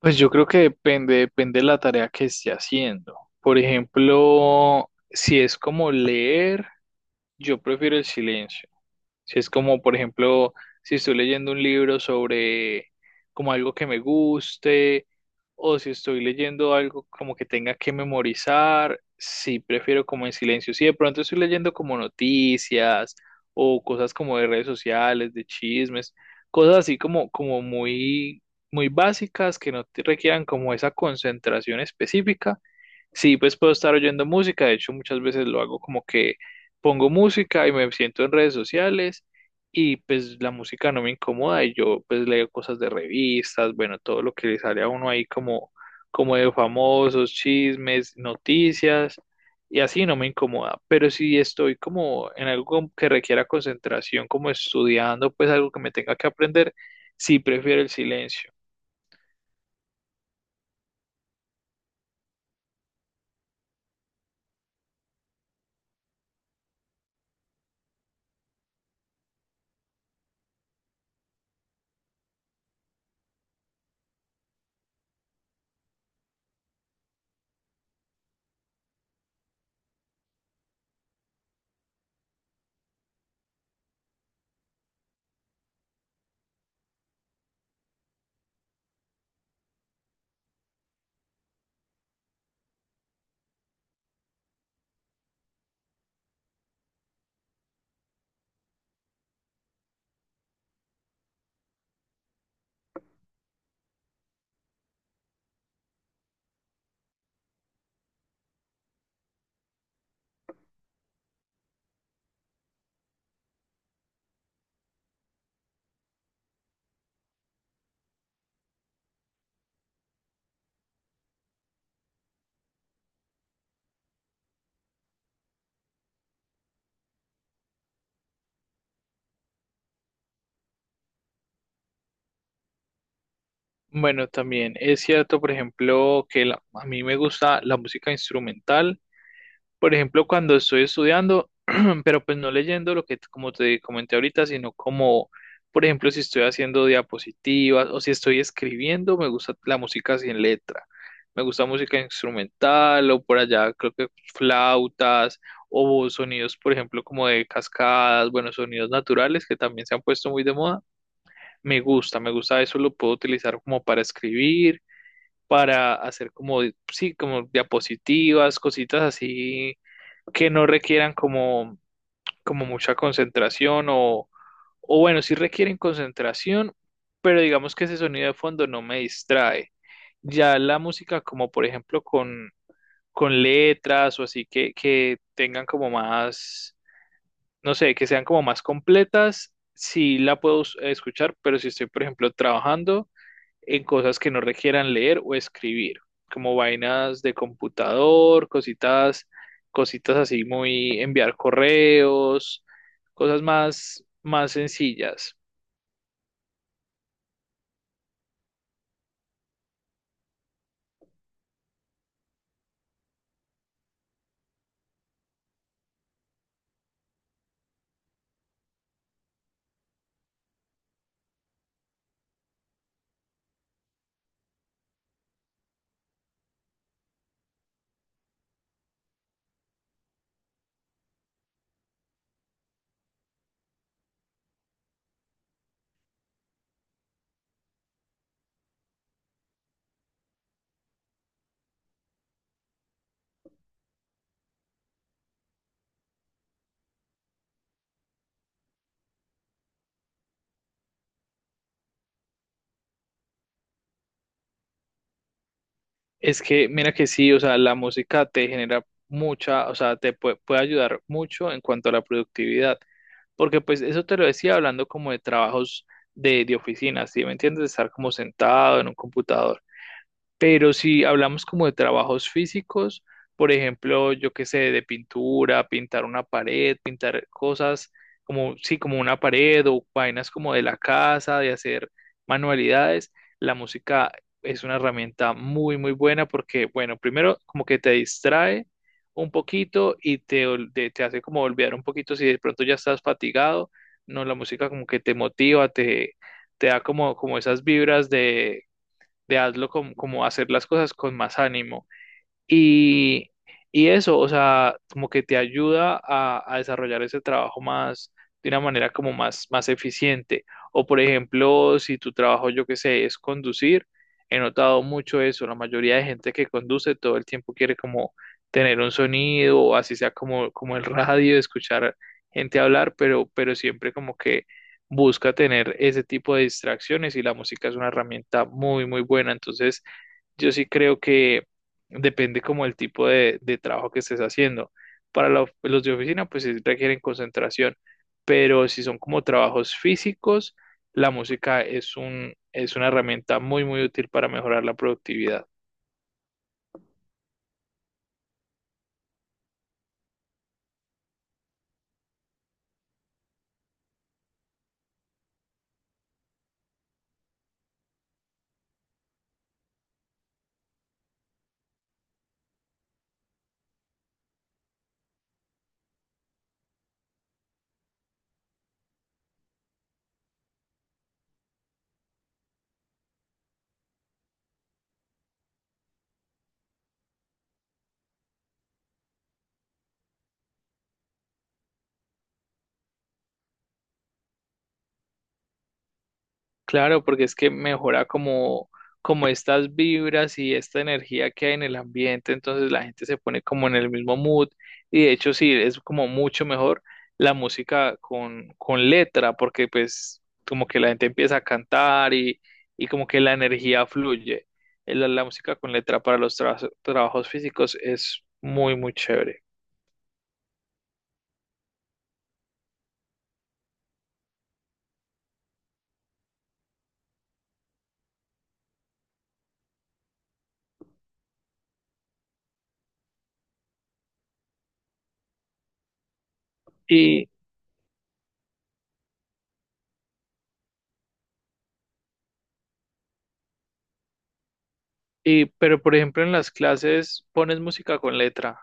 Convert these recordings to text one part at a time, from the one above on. Pues yo creo que depende, depende de la tarea que esté haciendo. Por ejemplo, si es como leer, yo prefiero el silencio. Si es como, por ejemplo, si estoy leyendo un libro sobre como algo que me guste, o si estoy leyendo algo como que tenga que memorizar, sí prefiero como en silencio. Si de pronto estoy leyendo como noticias o cosas como de redes sociales, de chismes, cosas así como, como muy, muy básicas que no te requieran como esa concentración específica. Sí, pues puedo estar oyendo música, de hecho muchas veces lo hago como que pongo música y me siento en redes sociales y pues la música no me incomoda y yo pues leo cosas de revistas, bueno, todo lo que le sale a uno ahí como, como de famosos, chismes, noticias y así no me incomoda, pero si estoy como en algo que requiera concentración, como estudiando, pues algo que me tenga que aprender. Sí, prefiero el silencio. Bueno, también es cierto, por ejemplo, que a mí me gusta la música instrumental. Por ejemplo, cuando estoy estudiando, pero pues no leyendo lo que, como te comenté ahorita, sino como, por ejemplo, si estoy haciendo diapositivas o si estoy escribiendo, me gusta la música sin letra. Me gusta música instrumental o por allá, creo que flautas o sonidos, por ejemplo, como de cascadas, bueno, sonidos naturales que también se han puesto muy de moda. Me gusta eso, lo puedo utilizar como para escribir, para hacer como, sí, como diapositivas, cositas así que no requieran como, como mucha concentración o bueno, sí requieren concentración, pero digamos que ese sonido de fondo no me distrae. Ya la música como por ejemplo con letras o así que tengan como más, no sé, que sean como más completas, sí la puedo escuchar, pero si estoy por ejemplo trabajando, en cosas que no requieran leer o escribir, como vainas de computador, cositas, cositas así muy enviar correos, cosas más, más sencillas. Es que, mira que sí, o sea, la música te genera mucha, o sea, te puede ayudar mucho en cuanto a la productividad, porque pues eso te lo decía hablando como de trabajos de oficina, ¿sí me entiendes? De estar como sentado en un computador. Pero si hablamos como de trabajos físicos, por ejemplo, yo qué sé, de pintura, pintar una pared, pintar cosas como, sí, como una pared o vainas como de la casa, de hacer manualidades, la música es una herramienta muy, muy buena porque, bueno, primero como que te distrae un poquito y te, te hace como olvidar un poquito si de pronto ya estás fatigado, no, la música como que te motiva, te da como, como esas vibras de como hacer las cosas con más ánimo. Y, y eso, o sea, como que te ayuda a desarrollar ese trabajo más, de una manera como más, más eficiente. O por ejemplo, si tu trabajo, yo qué sé, es conducir, he notado mucho eso. La mayoría de gente que conduce todo el tiempo quiere como tener un sonido, o así sea como, como el radio, escuchar gente hablar, pero siempre como que busca tener ese tipo de distracciones y la música es una herramienta muy, muy buena. Entonces, yo sí creo que depende como el tipo de trabajo que estés haciendo. Para la los de oficina, pues sí requieren concentración, pero si son como trabajos físicos, la música es un, es una herramienta muy, muy útil para mejorar la productividad. Claro, porque es que mejora como, como estas vibras y esta energía que hay en el ambiente, entonces la gente se pone como en el mismo mood y de hecho sí, es como mucho mejor la música con letra, porque pues como que la gente empieza a cantar y como que la energía fluye. La, la música con letra para los trabajos físicos es muy, muy chévere. Y, y, pero por ejemplo en las clases pones música con letra.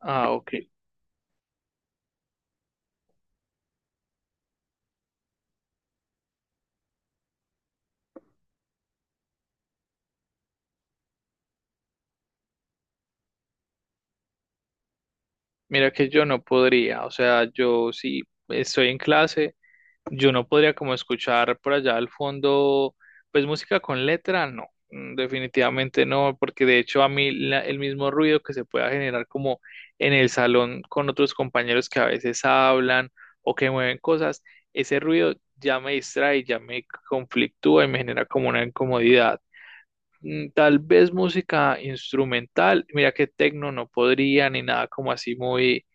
Ah, ok. Mira que yo no podría, o sea, yo si estoy en clase, yo no podría como escuchar por allá al fondo, pues música con letra, no, mm, definitivamente no, porque de hecho a mí el mismo ruido que se pueda generar como en el salón con otros compañeros que a veces hablan o que mueven cosas, ese ruido ya me distrae, ya me conflictúa y me genera como una incomodidad. Mm, tal vez música instrumental, mira que tecno no podría ni nada como así muy,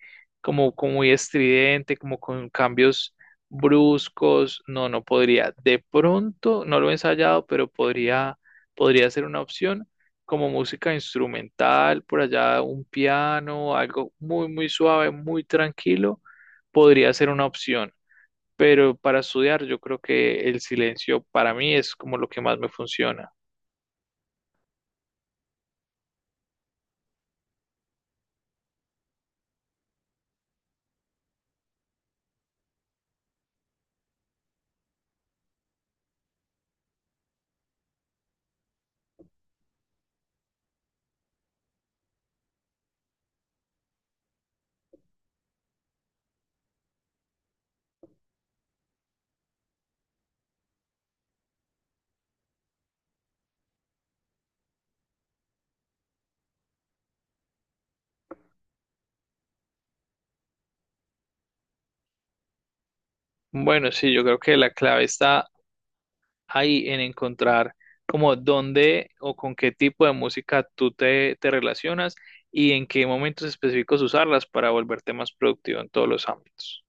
como, como muy estridente, como con cambios bruscos, no, no podría. De pronto, no lo he ensayado, pero podría, podría ser una opción como música instrumental, por allá un piano, algo muy, muy suave, muy tranquilo, podría ser una opción. Pero para estudiar, yo creo que el silencio para mí es como lo que más me funciona. Bueno, sí, yo creo que la clave está ahí en encontrar como dónde o con qué tipo de música tú te, te relacionas y en qué momentos específicos usarlas para volverte más productivo en todos los ámbitos.